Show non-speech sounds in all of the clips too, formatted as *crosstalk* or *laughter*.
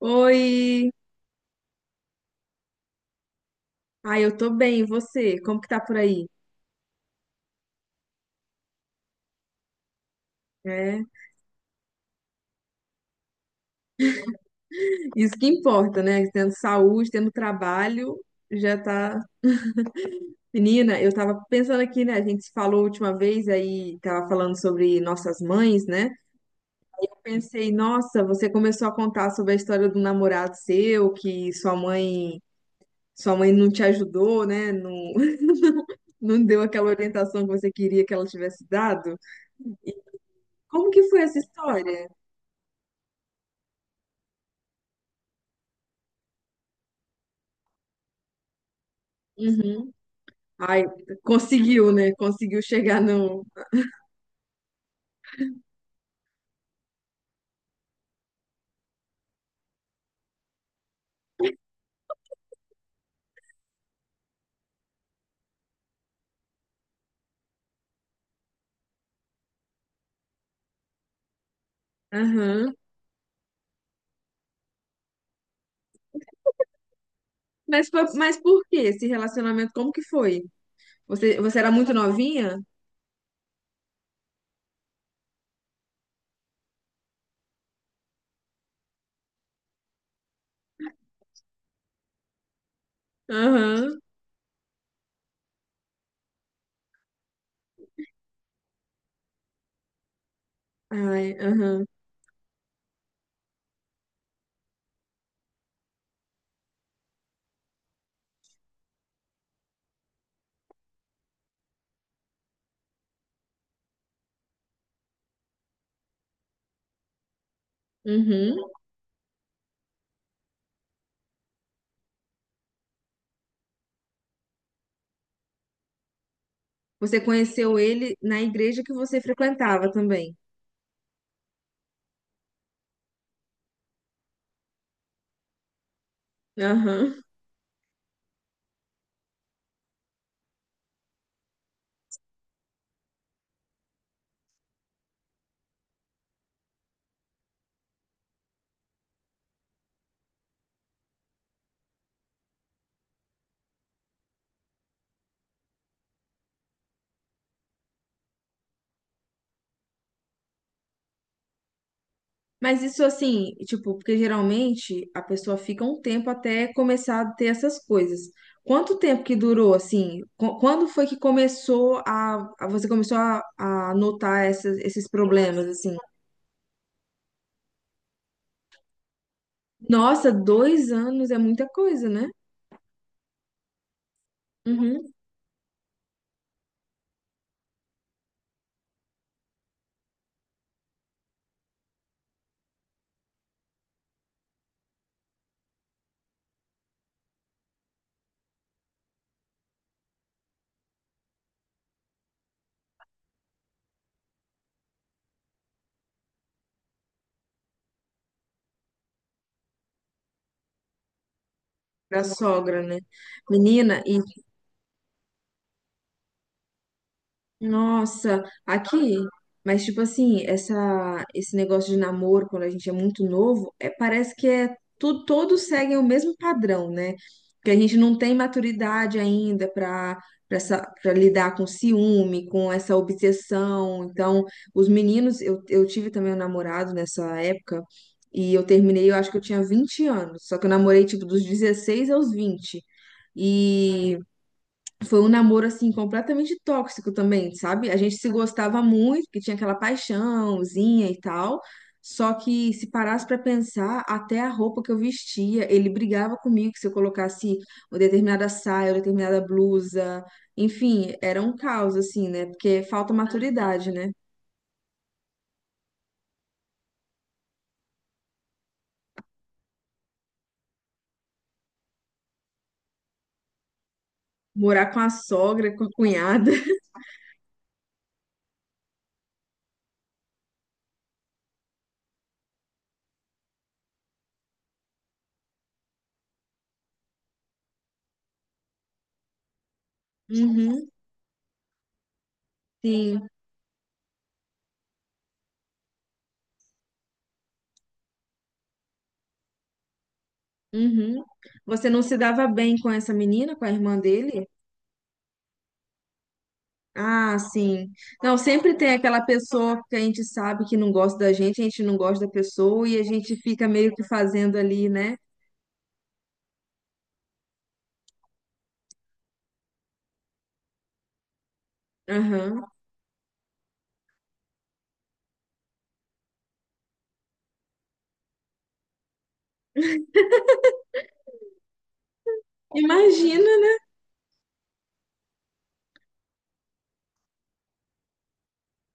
Oi! Ah, eu tô bem, e você? Como que tá por aí? É, isso que importa, né? Tendo saúde, tendo trabalho, já tá. Menina, eu tava pensando aqui, né? A gente se falou a última vez, aí tava falando sobre nossas mães, né? Pensei, nossa, você começou a contar sobre a história do namorado seu, que sua mãe não te ajudou, né? Não, *laughs* não deu aquela orientação que você queria que ela tivesse dado. E como que foi essa história? Uhum. Ai, conseguiu, né? Conseguiu chegar no. Aham. Mas, mas por que esse relacionamento? Como que foi? Você era muito novinha? Aham. Ai, aham. Uhum. Você conheceu ele na igreja que você frequentava também. Aham. Mas isso assim, tipo, porque geralmente a pessoa fica um tempo até começar a ter essas coisas. Quanto tempo que durou, assim? Quando foi que começou você começou a notar esses problemas, assim? Nossa, 2 anos é muita coisa, né? Uhum. Da sogra, né? Menina. Nossa, aqui, mas tipo assim, esse negócio de namoro quando a gente é muito novo, é, parece que todos seguem o mesmo padrão, né? Que a gente não tem maturidade ainda para lidar com ciúme, com essa obsessão. Então, os meninos, eu tive também um namorado nessa época e eu terminei, eu acho que eu tinha 20 anos, só que eu namorei tipo dos 16 aos 20. E foi um namoro assim completamente tóxico também, sabe? A gente se gostava muito, que tinha aquela paixãozinha e tal. Só que se parasse pra pensar, até a roupa que eu vestia, ele brigava comigo que se eu colocasse uma determinada saia, uma determinada blusa, enfim, era um caos assim, né? Porque falta maturidade, né? Morar com a sogra, com a cunhada. *laughs* Uhum, sim. Uhum. Você não se dava bem com essa menina, com a irmã dele? Ah, sim. Não, sempre tem aquela pessoa que a gente sabe que não gosta da gente, a gente não gosta da pessoa e a gente fica meio que fazendo ali, né? Aham. Imagina, né?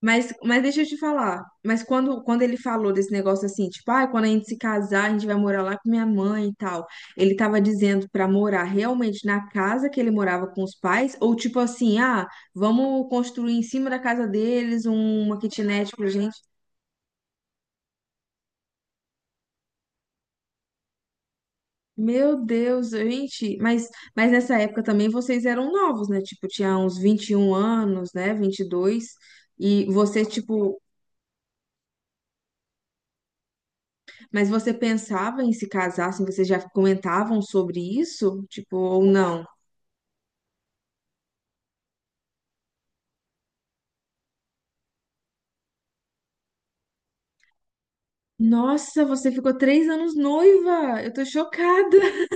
Mas deixa eu te falar. Mas quando ele falou desse negócio assim, tipo, ah, quando a gente se casar, a gente vai morar lá com minha mãe e tal. Ele tava dizendo pra morar realmente na casa que ele morava com os pais, ou tipo assim, ah, vamos construir em cima da casa deles uma kitnet pra gente. Meu Deus, gente, mas nessa época também vocês eram novos, né? Tipo, tinha uns 21 anos, né? 22. E você, tipo, mas você pensava em se casar, assim, vocês já comentavam sobre isso? Tipo, ou não? Nossa, você ficou 3 anos noiva! Eu tô chocada! *laughs*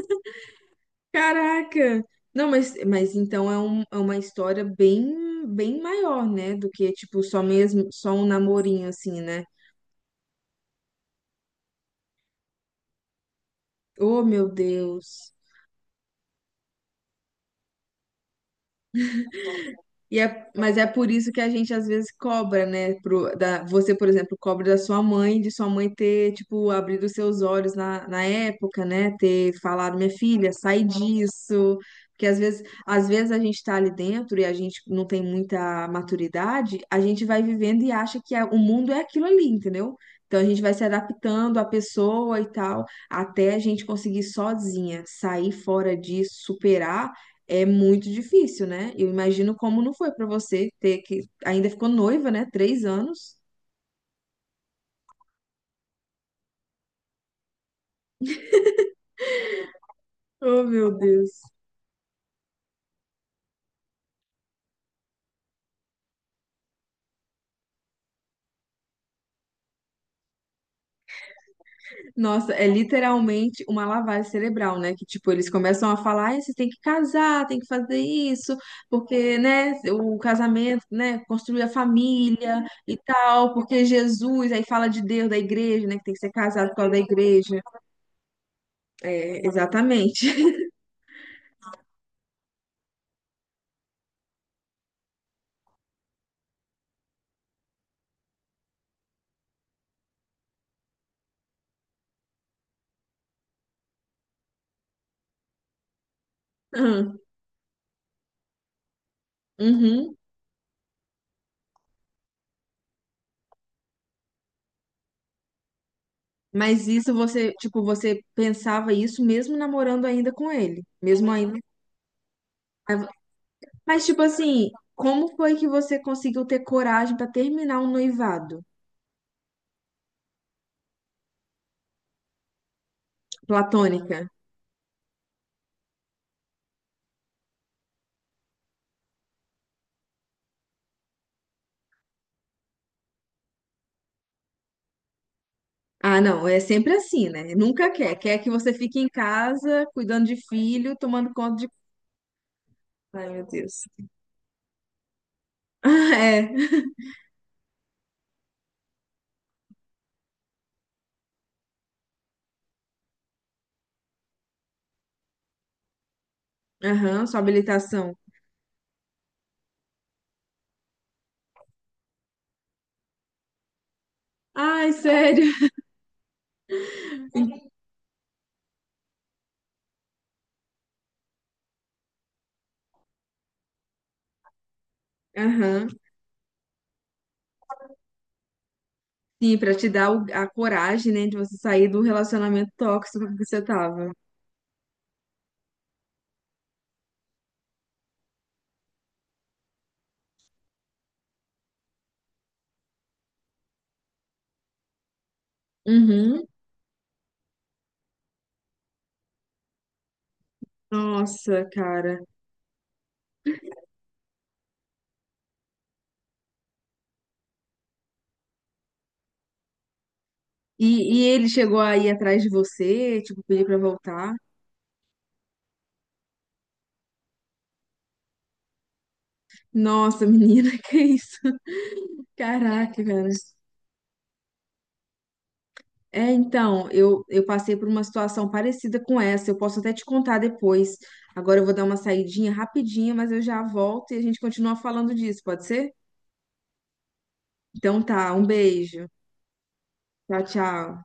Caraca! Não, mas então é uma história bem, bem maior, né? Do que, tipo, só mesmo, só um namorinho, assim, né? Oh, meu Deus! Mas é por isso que a gente às vezes cobra, né? Você, por exemplo, cobra da sua mãe, de sua mãe ter, tipo, abrido os seus olhos na época, né? Ter falado, minha filha, sai disso. Porque às vezes a gente tá ali dentro e a gente não tem muita maturidade, a gente vai vivendo e acha que o mundo é aquilo ali, entendeu? Então a gente vai se adaptando à pessoa e tal, até a gente conseguir sozinha sair fora disso, superar é muito difícil, né? Eu imagino como não foi pra você ter que. Ainda ficou noiva, né? 3 anos. Oh, meu Deus. Nossa, é literalmente uma lavagem cerebral, né? Que, tipo, eles começam a falar, "Ai, vocês têm que casar, tem que fazer isso, porque, né, o casamento, né, construir a família e tal, porque Jesus, aí fala de Deus, da igreja, né, que tem que ser casado por causa da igreja. É, exatamente. *laughs* Uhum. Mas isso você, tipo, você pensava isso mesmo namorando ainda com ele, mesmo ainda. Mas tipo assim, como foi que você conseguiu ter coragem pra terminar um noivado? Platônica. Ah, não, é sempre assim, né? Nunca quer, que você fique em casa cuidando de filho, tomando conta de. *laughs* Ai, meu Deus. *laughs* É. Aham, sua habilitação. Ai, sério. Aham. Sim, pra te dar a coragem, né, de você sair do relacionamento tóxico que você tava. Uhum. Nossa, cara. E ele chegou aí atrás de você, tipo, pedir pra voltar. Nossa, menina, *laughs* que isso? Caraca, cara. É, então, eu passei por uma situação parecida com essa. Eu posso até te contar depois. Agora eu vou dar uma saidinha rapidinha, mas eu já volto e a gente continua falando disso, pode ser? Então tá, um beijo. Tchau, tchau.